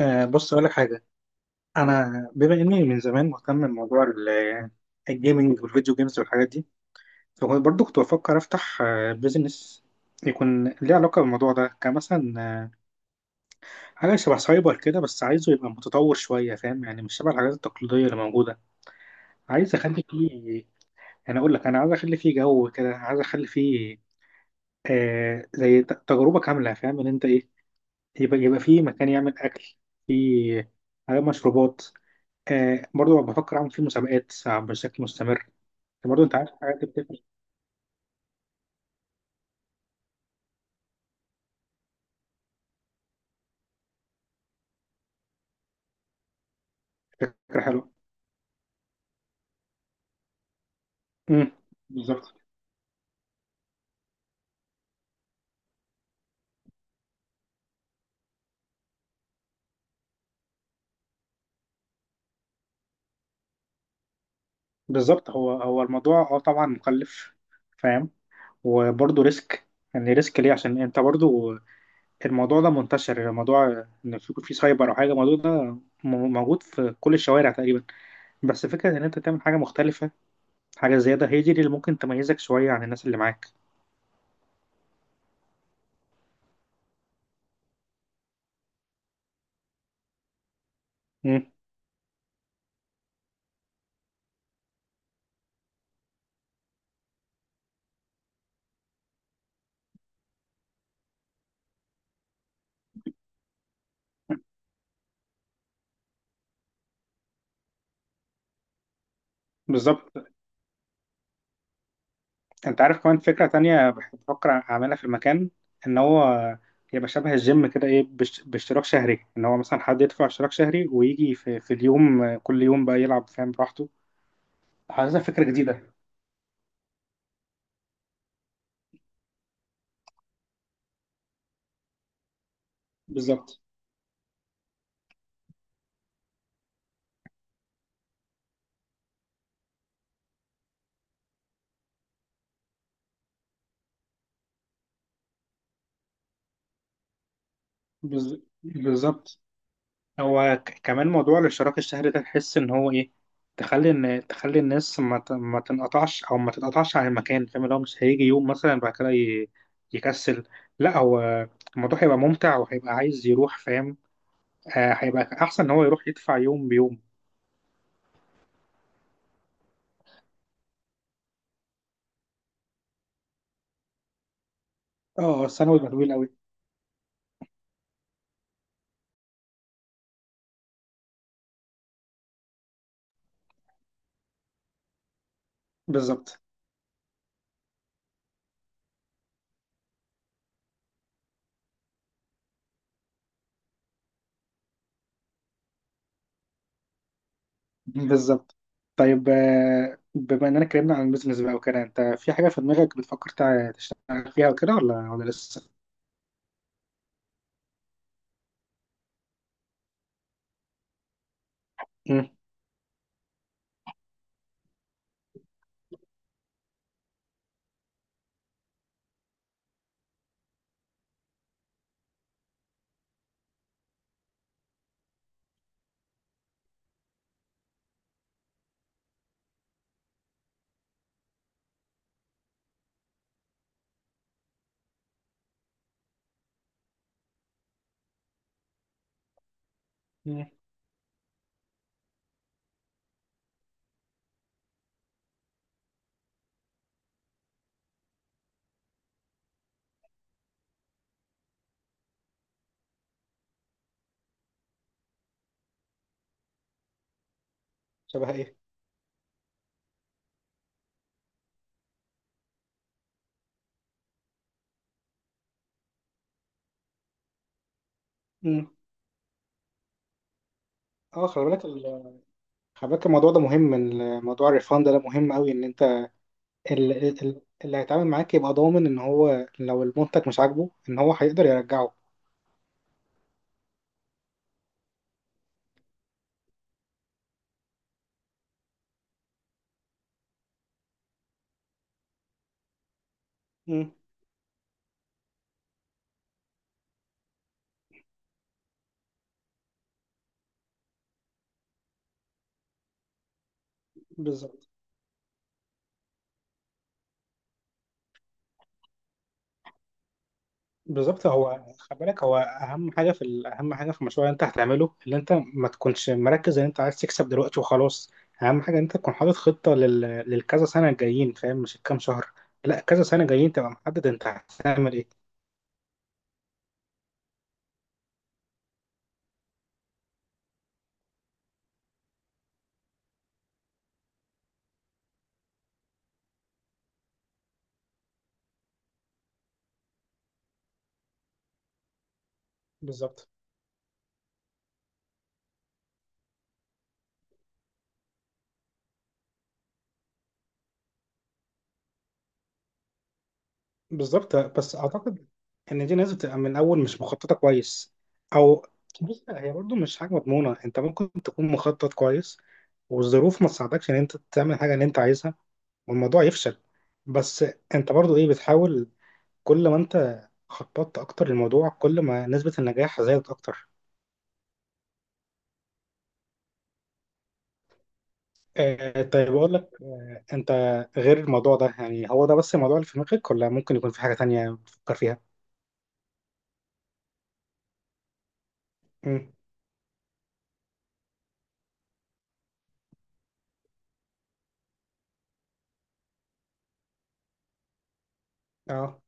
بص أقول لك حاجة. أنا بما إني من زمان مهتم بموضوع الجيمنج والفيديو جيمز والحاجات دي، فكنت برضه بفكر أفتح بيزنس يكون ليه علاقة بالموضوع ده، كمثلا حاجة شبه سايبر كده، بس عايزه يبقى متطور شوية، فاهم يعني؟ مش شبه الحاجات التقليدية اللي موجودة. عايز أخلي فيه، أنا أقول لك، أنا عايز أخلي فيه جو كده، عايز أخلي فيه آه زي تجربة كاملة، فاهم إن أنت إيه؟ يبقى فيه مكان يعمل أكل، فيه حاجات، مشروبات، آه برضو بفكر اعمل فيه مسابقات بشكل مستمر. برضو انت عارف الحاجات دي بتفرق. فكره حلوه. امم بالظبط. بالظبط. هو الموضوع اه طبعا مكلف، فاهم؟ وبرضو ريسك، يعني ريسك ليه؟ عشان انت برضو الموضوع ده منتشر، الموضوع ان في سايبر او حاجه، الموضوع ده موجود في كل الشوارع تقريبا. بس فكره ان انت تعمل حاجه مختلفه، حاجه زياده، هي دي اللي ممكن تميزك شويه عن الناس اللي معاك. امم بالظبط. انت عارف كمان فكرة تانية بفكر اعملها في المكان، ان هو يبقى شبه الجيم كده، ايه باشتراك شهري، ان هو مثلا حد يدفع اشتراك شهري ويجي في اليوم، كل يوم بقى يلعب فاهم، براحته. حاسسها فكرة جديدة. بالظبط. بالظبط، هو كمان موضوع الاشتراك الشهري ده تحس ان هو ايه؟ تخلي ان تخلي الناس ما ما تنقطعش او ما تتقطعش عن المكان، فاهم؟ اللي هو مش هيجي يوم مثلا بعد كده يكسل، لا، هو الموضوع هيبقى ممتع، وهيبقى عايز يروح فاهم، هيبقى احسن ان هو يروح يدفع يوم بيوم. اه السنه يبقى طويل قوي. بالظبط. بالظبط. طيب بما اننا اتكلمنا عن البيزنس بقى وكده، انت في حاجه في دماغك بتفكر تشتغل فيها وكده ولا لسه؟ مم. مم. شبه ايه؟ مم. اه خلي بالك خلي بالك الموضوع ده مهم، موضوع الريفاند ده مهم قوي ان انت ال- اللي هيتعامل معاك يبقى ضامن ان هو لو المنتج مش عاجبه ان هو هيقدر يرجعه. مم. بالظبط. بالظبط، هو خلي بالك، هو اهم حاجه في اهم حاجه في المشروع اللي انت هتعمله، اللي انت ما تكونش مركز ان انت عايز تكسب دلوقتي وخلاص. اهم حاجه ان انت تكون حاطط خطه للكذا سنه الجايين، فاهم؟ مش الكام شهر، لا، كذا سنه جايين تبقى محدد انت هتعمل ايه. بالظبط. بالظبط، بس اعتقد ان دي ناس بتبقى من الاول مش مخططه كويس. او بص هي برضو مش حاجه مضمونه، انت ممكن تكون مخطط كويس والظروف ما تساعدكش ان انت تعمل حاجه اللي انت عايزها، والموضوع يفشل. بس انت برضو ايه بتحاول، كل ما انت خططت اكتر للموضوع كل ما نسبة النجاح زادت اكتر. آه طيب اقول لك آه، انت غير الموضوع ده يعني، هو ده بس الموضوع اللي في دماغك ولا ممكن يكون في حاجة تانية بتفكر فيها؟ امم اه.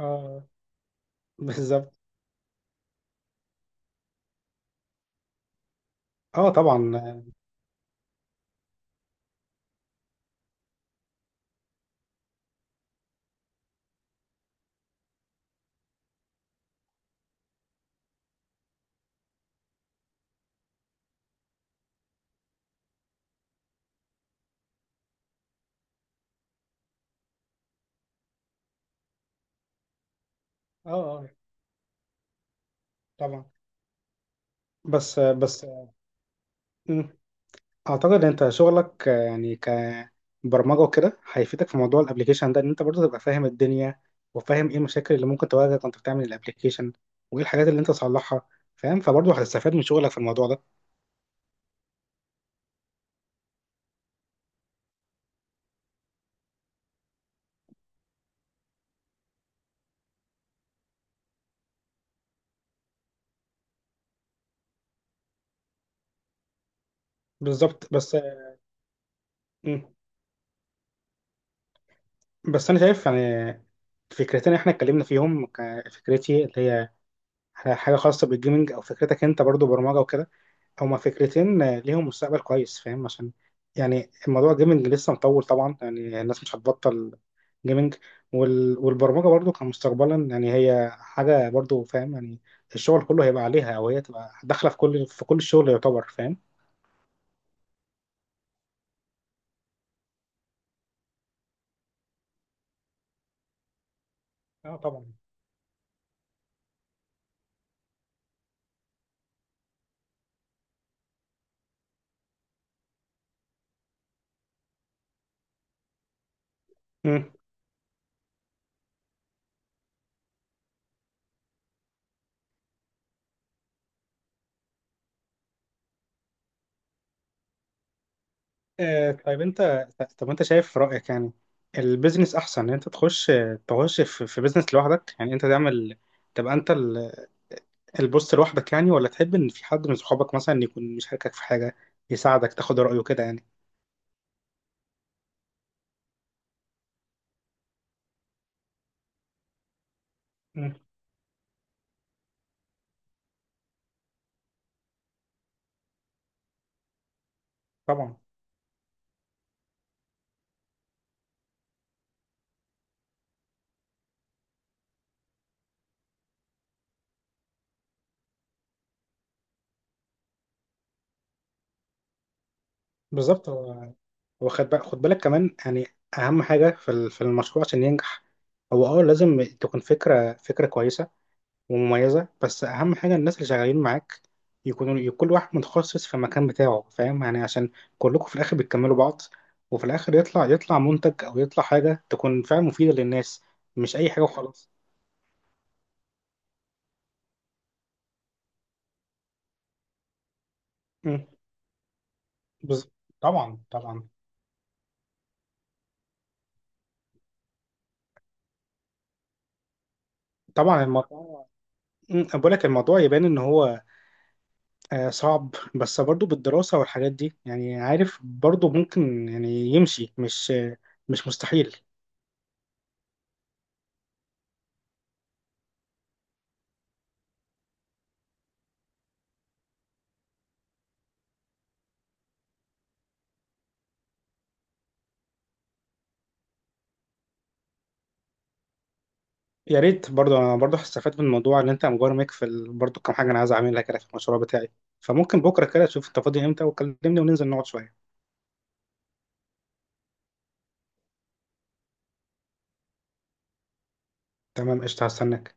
اه. بالظبط. اه طبعا. اه. اه طبعا. بس. مم. اعتقد انت شغلك يعني كبرمجه وكده هيفيدك في موضوع الابليكيشن ده، ان انت برضه تبقى فاهم الدنيا، وفاهم ايه المشاكل اللي ممكن تواجهك وانت بتعمل الابليكيشن، وايه الحاجات اللي انت تصلحها، فاهم؟ فبرضه هتستفاد من شغلك في الموضوع ده. بالظبط بس مم. بس انا شايف يعني فكرتين احنا اتكلمنا فيهم، فكرتي اللي هي حاجه خاصه بالجيمنج، او فكرتك انت برضه برمجه وكده، هما فكرتين ليهم مستقبل كويس فاهم، عشان يعني الموضوع جيمنج لسه مطول طبعا، يعني الناس مش هتبطل جيمنج، والبرمجة برضو كمستقبلا يعني هي حاجة برضو فاهم يعني، الشغل كله هيبقى عليها او هي تبقى داخلة في كل كل الشغل يعتبر، فاهم؟ اه طبعا. مم. آه طيب انت، طب انت شايف في رأيك يعني البيزنس احسن ان انت تخش في بيزنس لوحدك؟ يعني انت تعمل تبقى انت البوست لوحدك يعني، ولا تحب ان في حد من صحابك مثلا يكون مشاركك في حاجه، يساعدك تاخد رايه كده يعني. مم. طبعا. بالظبط، هو خد بالك، خد بالك كمان يعني، اهم حاجه في في المشروع عشان ينجح، هو اه لازم تكون فكره كويسه ومميزه، بس اهم حاجه الناس اللي شغالين معاك يكونوا كل واحد متخصص في المكان بتاعه، فاهم يعني؟ عشان كلكم في الاخر بتكملوا بعض، وفي الاخر يطلع منتج او يطلع حاجه تكون فعلا مفيده للناس، مش اي حاجه وخلاص. مم. بز- طبعا طبعا. طبعا الموضوع، أنا بقول لك الموضوع يبان ان هو صعب، بس برضو بالدراسة والحاجات دي يعني عارف، برضو ممكن يعني يمشي، مش مش مستحيل. يا ريت، برضو انا برضو هستفاد من الموضوع ان انت مبرمج في برضو كم حاجة انا عايز اعملها كده في المشروع بتاعي، فممكن بكرة كده تشوف انت فاضي امتى وكلمني وننزل نقعد شوية. تمام قشطة هستناك.